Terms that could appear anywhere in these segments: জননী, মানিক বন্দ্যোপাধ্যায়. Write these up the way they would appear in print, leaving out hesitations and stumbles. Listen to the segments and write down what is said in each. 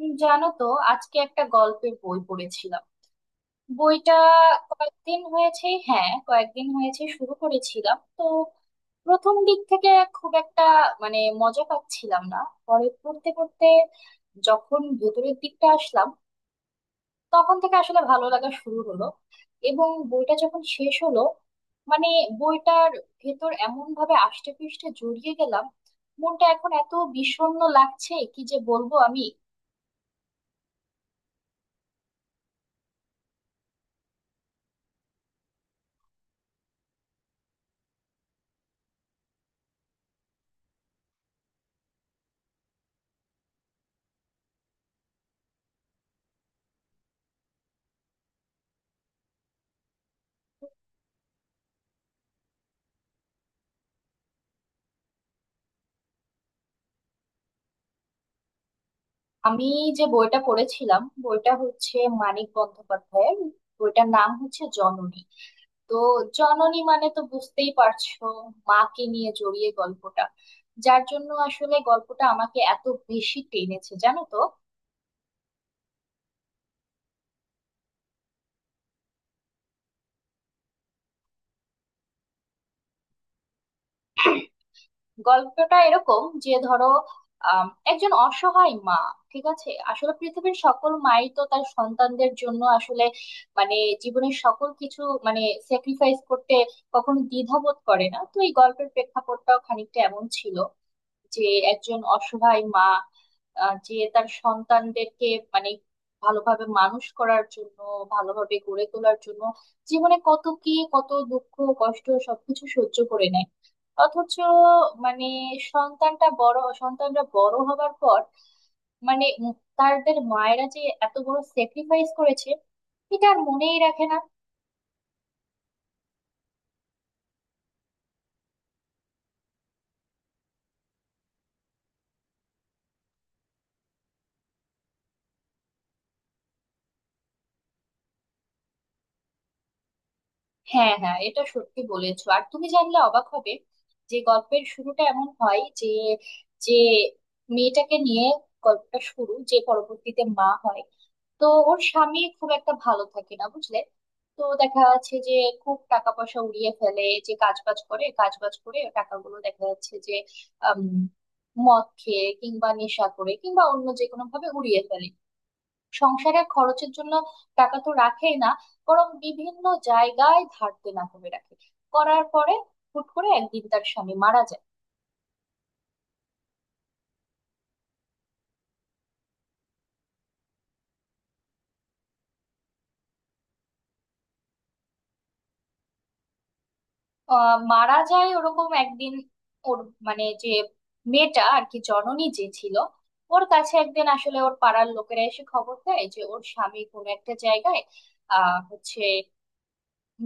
জানো তো, আজকে একটা গল্পের বই পড়েছিলাম। বইটা কয়েকদিন হয়েছে, হ্যাঁ কয়েকদিন হয়েছে শুরু করেছিলাম তো। প্রথম দিক থেকে খুব একটা মানে মজা পাচ্ছিলাম না। পরে পড়তে পড়তে যখন ভেতরের দিকটা আসলাম, তখন থেকে আসলে ভালো লাগা শুরু হলো। এবং বইটা যখন শেষ হলো, মানে বইটার ভেতর এমন ভাবে আষ্টে পৃষ্ঠে জড়িয়ে গেলাম, মনটা এখন এত বিষণ্ণ লাগছে কি যে বলবো আমি। আমি যে বইটা পড়েছিলাম বইটা হচ্ছে মানিক বন্দ্যোপাধ্যায়ের। বইটার নাম হচ্ছে জননী। তো জননী মানে তো বুঝতেই পারছো, মাকে নিয়ে জড়িয়ে গল্পটা, যার জন্য আসলে গল্পটা আমাকে এত বেশি টেনেছে জানো তো। গল্পটা এরকম যে ধরো, একজন অসহায় মা, ঠিক আছে, আসলে পৃথিবীর সকল মাই তো তার সন্তানদের জন্য আসলে, মানে জীবনের সকল কিছু, মানে স্যাক্রিফাইস করতে কখনো দ্বিধাবোধ করে না। তো এই গল্পের প্রেক্ষাপটটাও খানিকটা এমন ছিল যে একজন অসহায় মা, যে তার সন্তানদেরকে, মানে ভালোভাবে মানুষ করার জন্য, ভালোভাবে গড়ে তোলার জন্য জীবনে কত কি, কত দুঃখ কষ্ট সবকিছু সহ্য করে নেয়। অথচ মানে সন্তানটা বড়, সন্তানরা বড় হবার পর, মানে তাদের মায়েরা যে এত বড় স্যাক্রিফাইস করেছে, এটা আর মনেই রাখে না। হ্যাঁ হ্যাঁ এটা সত্যি বলেছো। আর তুমি জানলে অবাক হবে যে গল্পের শুরুটা এমন হয় যে যে মেয়েটাকে নিয়ে গল্পটা শুরু, যে পরবর্তীতে মা হয়। তো ওর স্বামী খুব একটা ভালো থাকে না বুঝলে। তো দেখা যাচ্ছে যে খুব টাকা পয়সা উড়িয়ে ফেলে, যে কাজ বাজ করে কাজ বাজ করে টাকাগুলো দেখা যাচ্ছে যে আম, মদ খেয়ে কিংবা নেশা করে কিংবা অন্য যে কোনো ভাবে উড়িয়ে ফেলে। সংসারের খরচের জন্য টাকা তো রাখেই না, বরং বিভিন্ন জায়গায় ধার দেনা করে রাখে। করার পরে হুট করে একদিন তার স্বামী মারা যায়। মারা যায় ওরকম একদিন। ওর, মানে যে মেয়েটা আর কি, জননী যে ছিল, ওর কাছে একদিন আসলে ওর পাড়ার লোকেরা এসে খবর দেয় যে ওর স্বামী কোনো একটা জায়গায় আহ হচ্ছে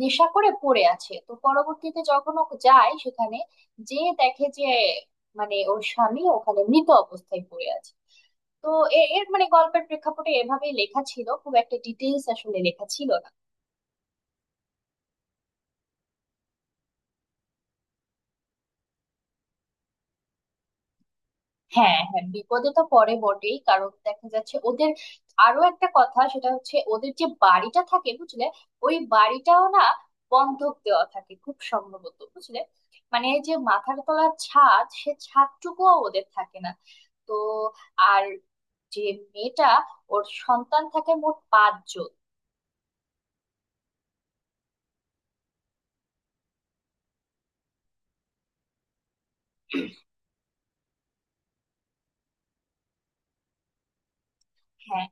নেশা করে পড়ে আছে। তো পরবর্তীতে যখন ও যায় সেখানে, যে দেখে যে মানে ওর স্বামী ওখানে মৃত অবস্থায় পড়ে আছে। তো এর মানে গল্পের প্রেক্ষাপটে এভাবেই লেখা ছিল, খুব একটা ডিটেলস আসলে লেখা ছিল না। হ্যাঁ হ্যাঁ বিপদে তো পড়ে বটেই, কারণ দেখা যাচ্ছে ওদের আরো একটা কথা, সেটা হচ্ছে ওদের যে বাড়িটা থাকে বুঝলে, ওই বাড়িটাও না বন্ধক দেওয়া থাকে খুব সম্ভবত বুঝলে। মানে এই যে মাথার তলার ছাদ, সে ছাদটুকুও ওদের থাকে না। তো আর যে মেয়েটা, ওর সন্তান থাকে মোট পাঁচজন। হ্যাঁ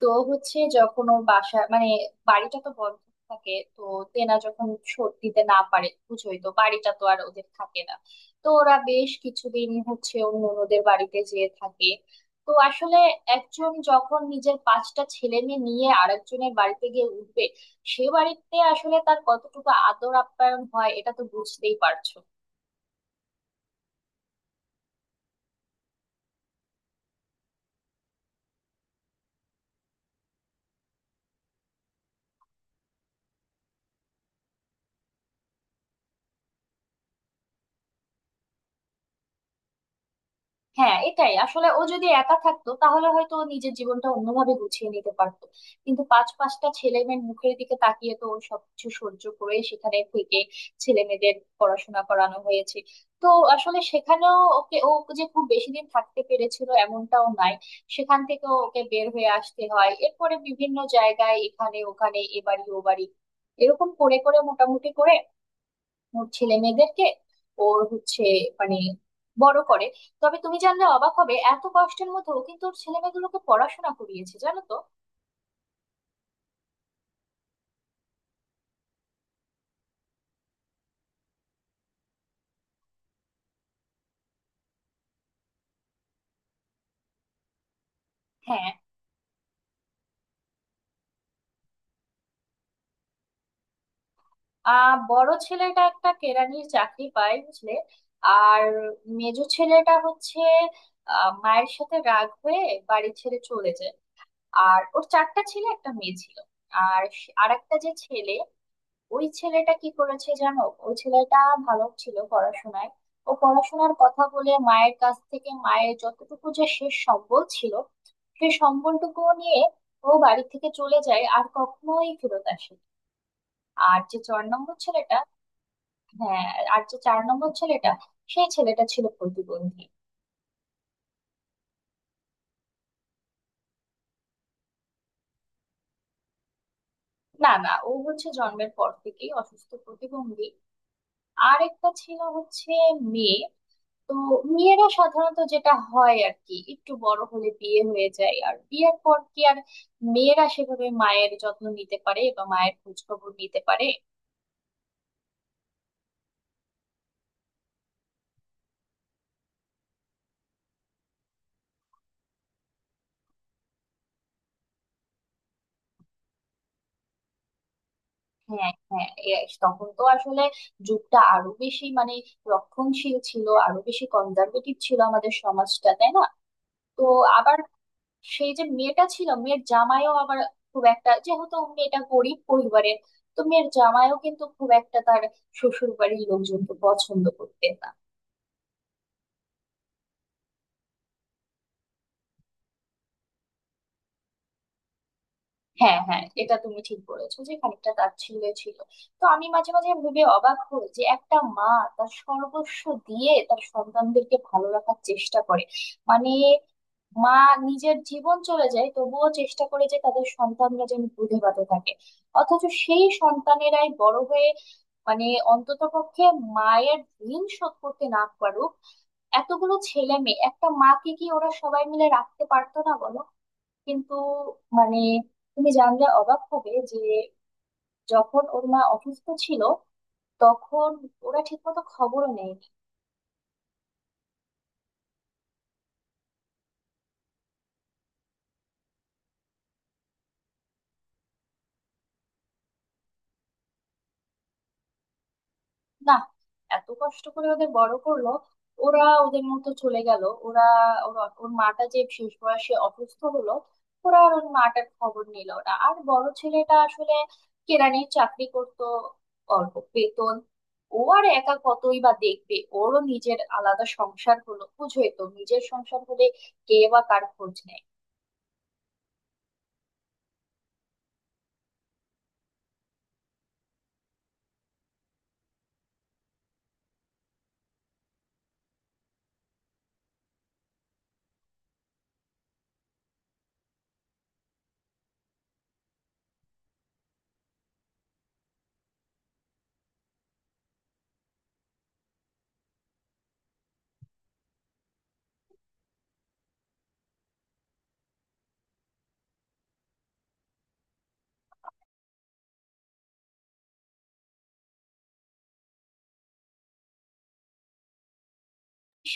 তো হচ্ছে যখন ওর বাসা, মানে বাড়িটা তো বন্ধ থাকে তো, তেনা যখন শোধ দিতে না পারে বুঝোই তো, বাড়িটা তো আর ওদের থাকে না। তো ওরা বেশ কিছুদিন হচ্ছে ওর ননদের বাড়িতে যেয়ে থাকে। তো আসলে একজন যখন নিজের পাঁচটা ছেলে মেয়ে নিয়ে আরেকজনের বাড়িতে গিয়ে উঠবে, সে বাড়িতে আসলে তার কতটুকু আদর আপ্যায়ন হয় এটা তো বুঝতেই পারছো। হ্যাঁ এটাই আসলে, ও যদি একা থাকতো তাহলে হয়তো ও নিজের জীবনটা অন্যভাবে গুছিয়ে নিতে পারতো। কিন্তু পাঁচ পাঁচটা ছেলে মেয়ের মুখের দিকে তাকিয়ে তো ও সবকিছু সহ্য করে সেখানে থেকে ছেলে মেয়েদের পড়াশোনা করানো হয়েছে। তো আসলে সেখানেও ওকে, ও যে খুব বেশি দিন থাকতে পেরেছিল এমনটাও নাই। সেখান থেকে ওকে বের হয়ে আসতে হয়, এরপরে বিভিন্ন জায়গায় এখানে ওখানে এ বাড়ি ও বাড়ি, এরকম করে করে মোটামুটি করে ওর ছেলে মেয়েদেরকে, ওর হচ্ছে, মানে বড় করে। তবে তুমি জানলে অবাক হবে, এত কষ্টের মধ্যেও কিন্তু ওর ছেলে মেয়েগুলোকে পড়াশোনা করিয়েছে জানো তো। হ্যাঁ, বড় ছেলেটা একটা কেরানির চাকরি পায় বুঝলে। আর মেজো ছেলেটা হচ্ছে মায়ের সাথে রাগ হয়ে বাড়ি ছেড়ে চলে যায়। আর ওর চারটা ছেলে একটা মেয়ে ছিল। আর আরেকটা যে ছেলে, ওই ছেলেটা কি করেছে জানো, ওই ছেলেটা ভালো ছিল পড়াশোনায়। ও পড়াশোনার কথা বলে মায়ের কাছ থেকে মায়ের যতটুকু যে শেষ সম্বল ছিল, সেই সম্বলটুকু নিয়ে ও বাড়ি থেকে চলে যায় আর কখনোই ফেরত আসে। আর যে চার নম্বর ছেলেটা, হ্যাঁ, আর যে চার নম্বর ছেলেটা, সেই ছেলেটা ছিল প্রতিবন্ধী। না না, ও হচ্ছে জন্মের পর থেকেই অসুস্থ প্রতিবন্ধী। আর একটা ছিল হচ্ছে মেয়ে। তো মেয়েরা সাধারণত যেটা হয় আর কি, একটু বড় হলে বিয়ে হয়ে যায়, আর বিয়ের পর কি আর মেয়েরা সেভাবে মায়ের যত্ন নিতে পারে বা মায়ের খোঁজ খবর নিতে পারে। হ্যাঁ হ্যাঁ, তখন তো আসলে যুগটা আরো বেশি মানে রক্ষণশীল ছিল, আরো বেশি কনজারভেটিভ ছিল আমাদের সমাজটা, তাই না। তো আবার সেই যে মেয়েটা ছিল, মেয়ের জামাইও আবার খুব একটা, যেহেতু মেয়েটা গরিব পরিবারের, তো মেয়ের জামাইও কিন্তু খুব একটা তার শ্বশুর বাড়ির লোকজনকে পছন্দ করতেন না। হ্যাঁ হ্যাঁ এটা তুমি ঠিক বলেছো যে খানিকটা তাচ্ছিল্যে ছিল। তো আমি মাঝে মাঝে ভেবে অবাক হই, যে একটা মা তার সর্বস্ব দিয়ে তার সন্তানদেরকে ভালো রাখার চেষ্টা করে, মানে মা নিজের জীবন চলে যায় তবুও চেষ্টা করে যে তাদের সন্তানরা যেন দুধে ভাতে থাকে। অথচ সেই সন্তানেরাই বড় হয়ে, মানে অন্ততপক্ষে মায়ের ঋণ শোধ করতে না পারুক, এতগুলো ছেলে মেয়ে একটা মাকে কি ওরা সবাই মিলে রাখতে পারতো না বলো? কিন্তু মানে তুমি জানলে অবাক হবে যে যখন ওর মা অসুস্থ ছিল, তখন ওরা ঠিকমতো খবরও নেয়নি। না, এত কষ্ট করে ওদের বড় করলো, ওরা ওদের মতো চলে গেল। ওরা, ওর, ওর মাটা যে শেষ বয়সে অসুস্থ হলো, ওরা আর ওর মাটার খবর নিল না। আর বড় ছেলেটা আসলে কেরানির চাকরি করত, অল্প বেতন, ও আর একা কতই বা দেখবে, ওরও নিজের আলাদা সংসার হলো, বুঝোই তো নিজের সংসার হলে কে বা কার খোঁজ নেয়।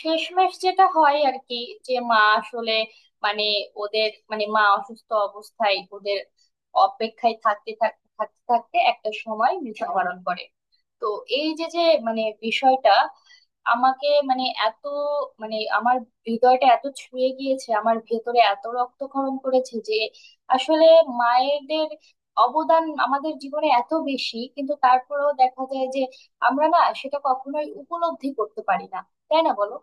শেষমেশ যেটা হয় আর কি, যে মা আসলে মানে ওদের, মানে মা অসুস্থ অবস্থায় ওদের অপেক্ষায় থাকতে থাকতে থাকতে থাকতে একটা সময় মৃত্যুবরণ করে। তো এই যে, মানে বিষয়টা আমাকে মানে এত, মানে আমার হৃদয়টা এত ছুঁয়ে গিয়েছে, আমার ভেতরে এত রক্তক্ষরণ করেছে যে, আসলে মায়েদের অবদান আমাদের জীবনে এত বেশি, কিন্তু তারপরেও দেখা যায় যে আমরা না সেটা কখনোই উপলব্ধি করতে পারি না, তাই না বলো।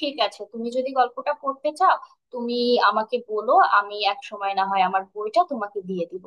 ঠিক আছে, তুমি যদি গল্পটা পড়তে চাও, তুমি আমাকে বলো, আমি এক সময় না হয় আমার বইটা তোমাকে দিয়ে দিব।